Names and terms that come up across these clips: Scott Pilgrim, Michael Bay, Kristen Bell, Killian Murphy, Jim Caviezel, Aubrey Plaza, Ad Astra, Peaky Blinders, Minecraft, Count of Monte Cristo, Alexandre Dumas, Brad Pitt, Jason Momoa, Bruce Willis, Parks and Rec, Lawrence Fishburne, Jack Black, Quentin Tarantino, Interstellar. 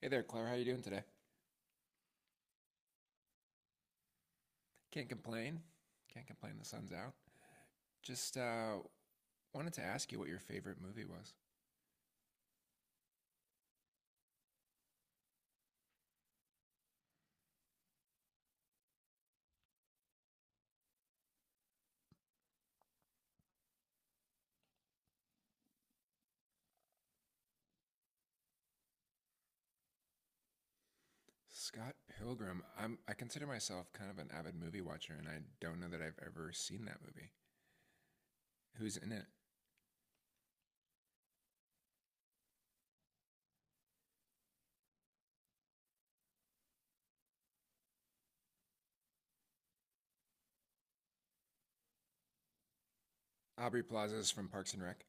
Hey there, Claire. How are you doing today? Can't complain. Can't complain. The sun's out. Just wanted to ask you what your favorite movie was. Scott Pilgrim. I consider myself kind of an avid movie watcher, and I don't know that I've ever seen that movie. Who's in it? Aubrey Plaza's from Parks and Rec.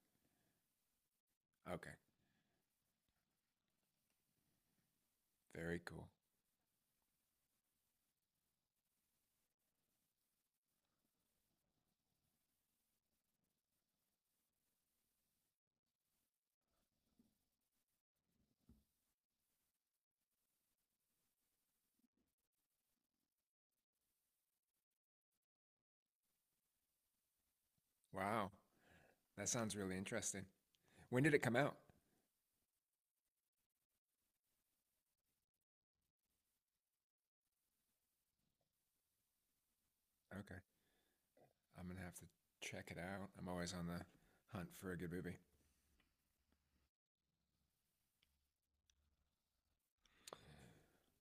Okay. Very cool. Wow. That sounds really interesting. When did it come out? Okay. I'm gonna have to check it out. I'm always on the hunt for a good movie.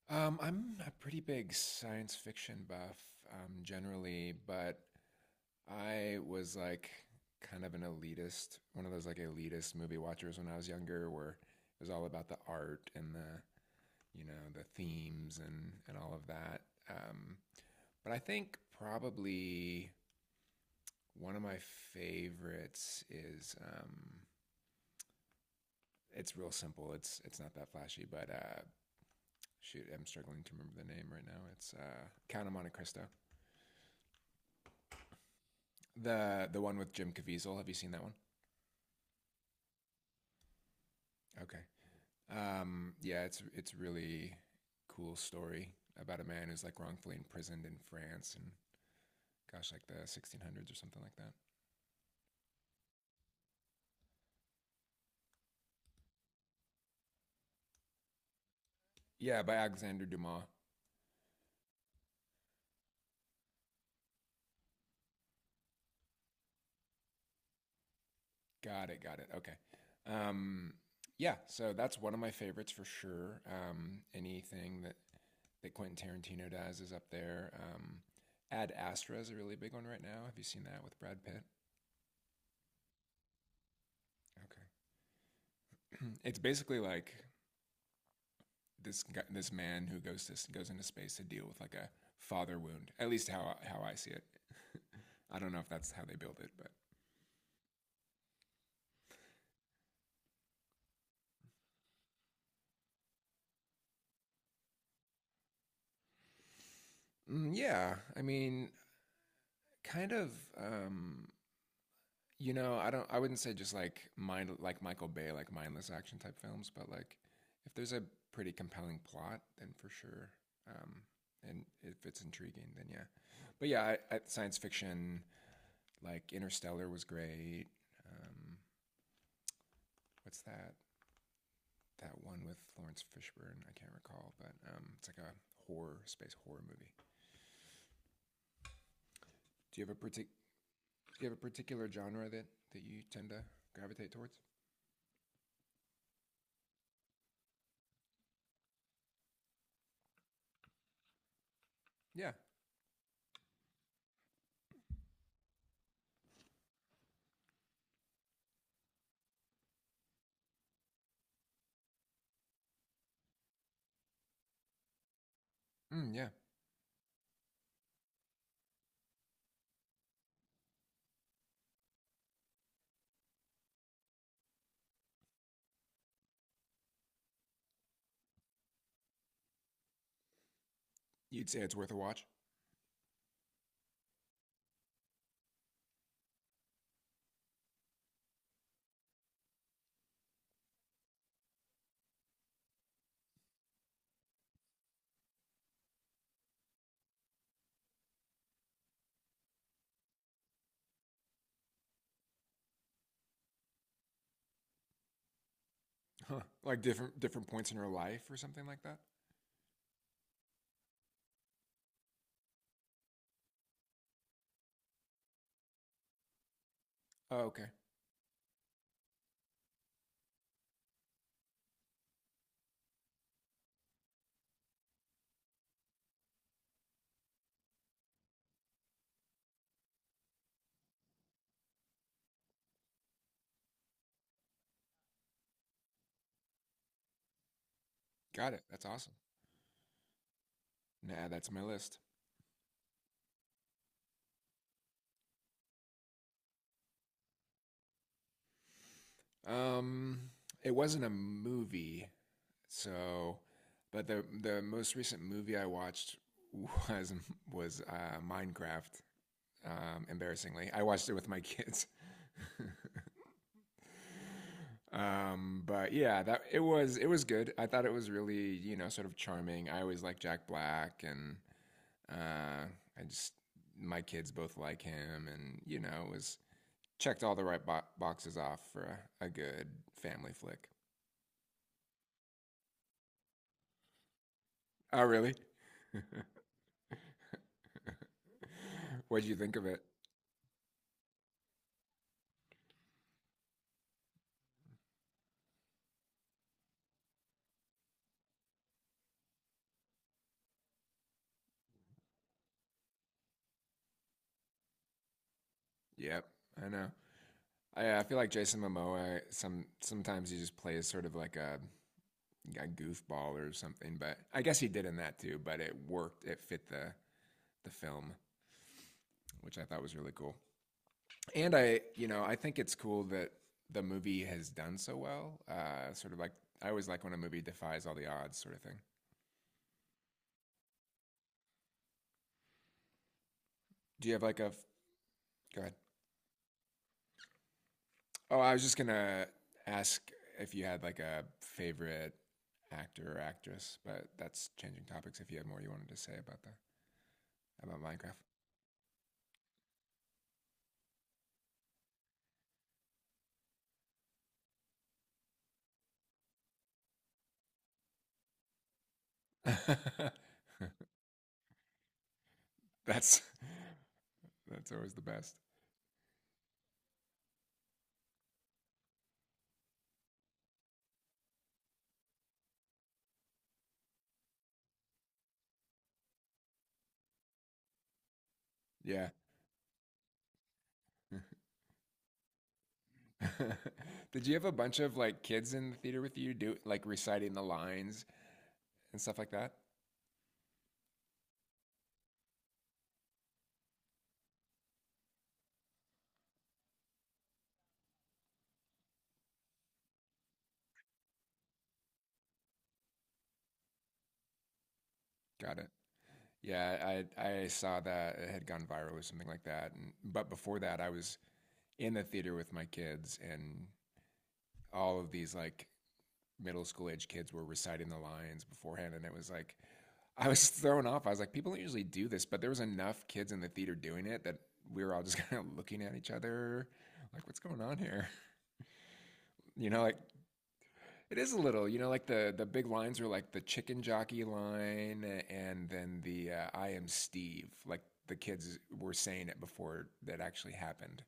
I'm a pretty big science fiction buff, generally, but I was like kind of an elitist, one of those like elitist movie watchers when I was younger, where it was all about the art and the, you know, the themes and all of that. Um, but I think probably one of my favorites is it's real simple. It's not that flashy, but shoot, I'm struggling to remember the name right now. It's Count of Monte Cristo. The one with Jim Caviezel. Have you seen that one? Okay. Yeah, it's really cool story about a man who's like wrongfully imprisoned in France and gosh, like the 1600s or something like that. Yeah, by Alexandre Dumas. Got it. Got it. Okay. Um, yeah, so that's one of my favorites for sure. Anything that Quentin Tarantino does is up there. Ad Astra is a really big one right now. Have you seen that with Brad Pitt? Okay. it's basically like this guy, this man who goes into space to deal with like a father wound. At least how I see it. I don't know if that's how they build it, but mm, yeah, I mean, kind of. You know, I don't. I wouldn't say just like mind like Michael Bay, like mindless action type films, but like if there's a pretty compelling plot, then for sure. Um, and if it's intriguing, then yeah. But yeah, science fiction like Interstellar was great. Um, what's that? That one with Lawrence Fishburne. I can't recall, but it's like a horror space horror movie. Do you have a Do you have a particular genre that you tend to gravitate towards? Yeah, mm, yeah. You'd say it's worth a watch, huh? Like different different points in your life or something like that. Oh, okay, got it. That's awesome. Nah, that's my list. Um, it wasn't a movie, so, but the most recent movie I watched was was Minecraft, embarrassingly. I watched it with my kids. But yeah, that it was good. I thought it was really, you know, sort of charming. I always like Jack Black, and uh, I just my kids both like him, and you know it was checked all the right boxes off for a good family flick. Oh really? What'd you think of it? Yep, I know. I feel like Jason Momoa. Sometimes he just plays sort of like a goofball or something. But I guess he did in that too. But it worked. It fit the film, which I thought was really cool. And I, you know, I think it's cool that the movie has done so well. Sort of like I always like when a movie defies all the odds, sort of thing. Do you have like a? Go ahead. Oh, I was just gonna ask if you had like a favorite actor or actress, but that's changing topics. If you had more you wanted to say about that about Minecraft, that's that's always the best. Yeah. Did you have a bunch of like kids in the theater with you do like reciting the lines and stuff like that? Got it. Yeah, I saw that it had gone viral or something like that. And but before that, I was in the theater with my kids, and all of these like middle school age kids were reciting the lines beforehand, and it was like I was thrown off. I was like, people don't usually do this, but there was enough kids in the theater doing it that we were all just kind of looking at each other, like, what's going on here? You know, like it is a little, you know, like the big lines are like the chicken jockey line, and then the "I am Steve." Like the kids were saying it before that actually happened.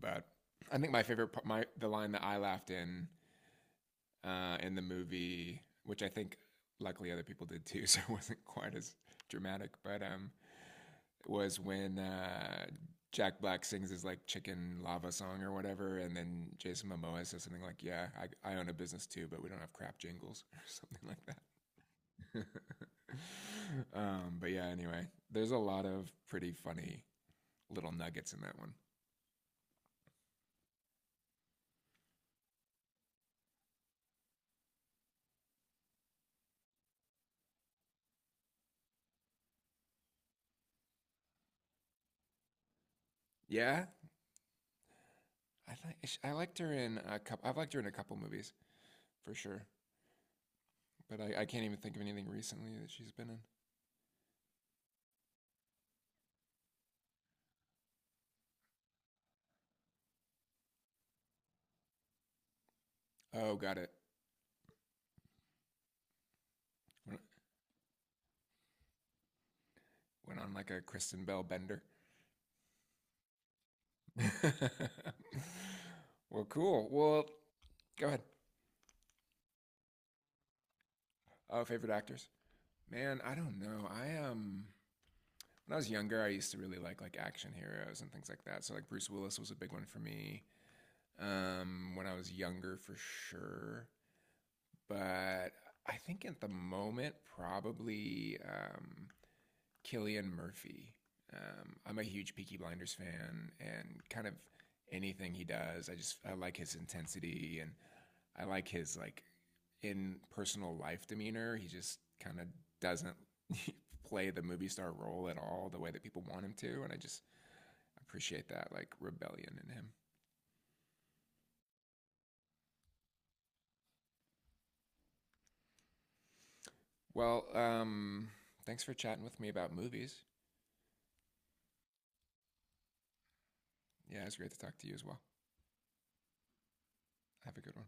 But I think my favorite part, my the line that I laughed in the movie, which I think luckily other people did too, so it wasn't quite as dramatic. But was when Jack Black sings his like chicken lava song or whatever, and then Jason Momoa says something like, "Yeah, I own a business too, but we don't have crap jingles or something like that." But yeah, anyway, there's a lot of pretty funny little nuggets in that one. Yeah, I like I liked her in a couple. I've liked her in a couple movies for sure, but I can't even think of anything recently that she's been in. Oh, got it. Went on like a Kristen Bell bender. well, cool. Well, go ahead. Oh, favorite actors? Man, I don't know. I when I was younger, I used to really like action heroes and things like that. So like Bruce Willis was a big one for me. When I was younger, for sure. But I think at the moment, probably Killian Murphy. I'm a huge Peaky Blinders fan, and kind of anything he does, I just I like his intensity and I like his like in personal life demeanor. He just kind of doesn't play the movie star role at all the way that people want him to. And I just appreciate that like rebellion in him. Well, thanks for chatting with me about movies. Yeah, it's great to talk to you as well. Have a good one.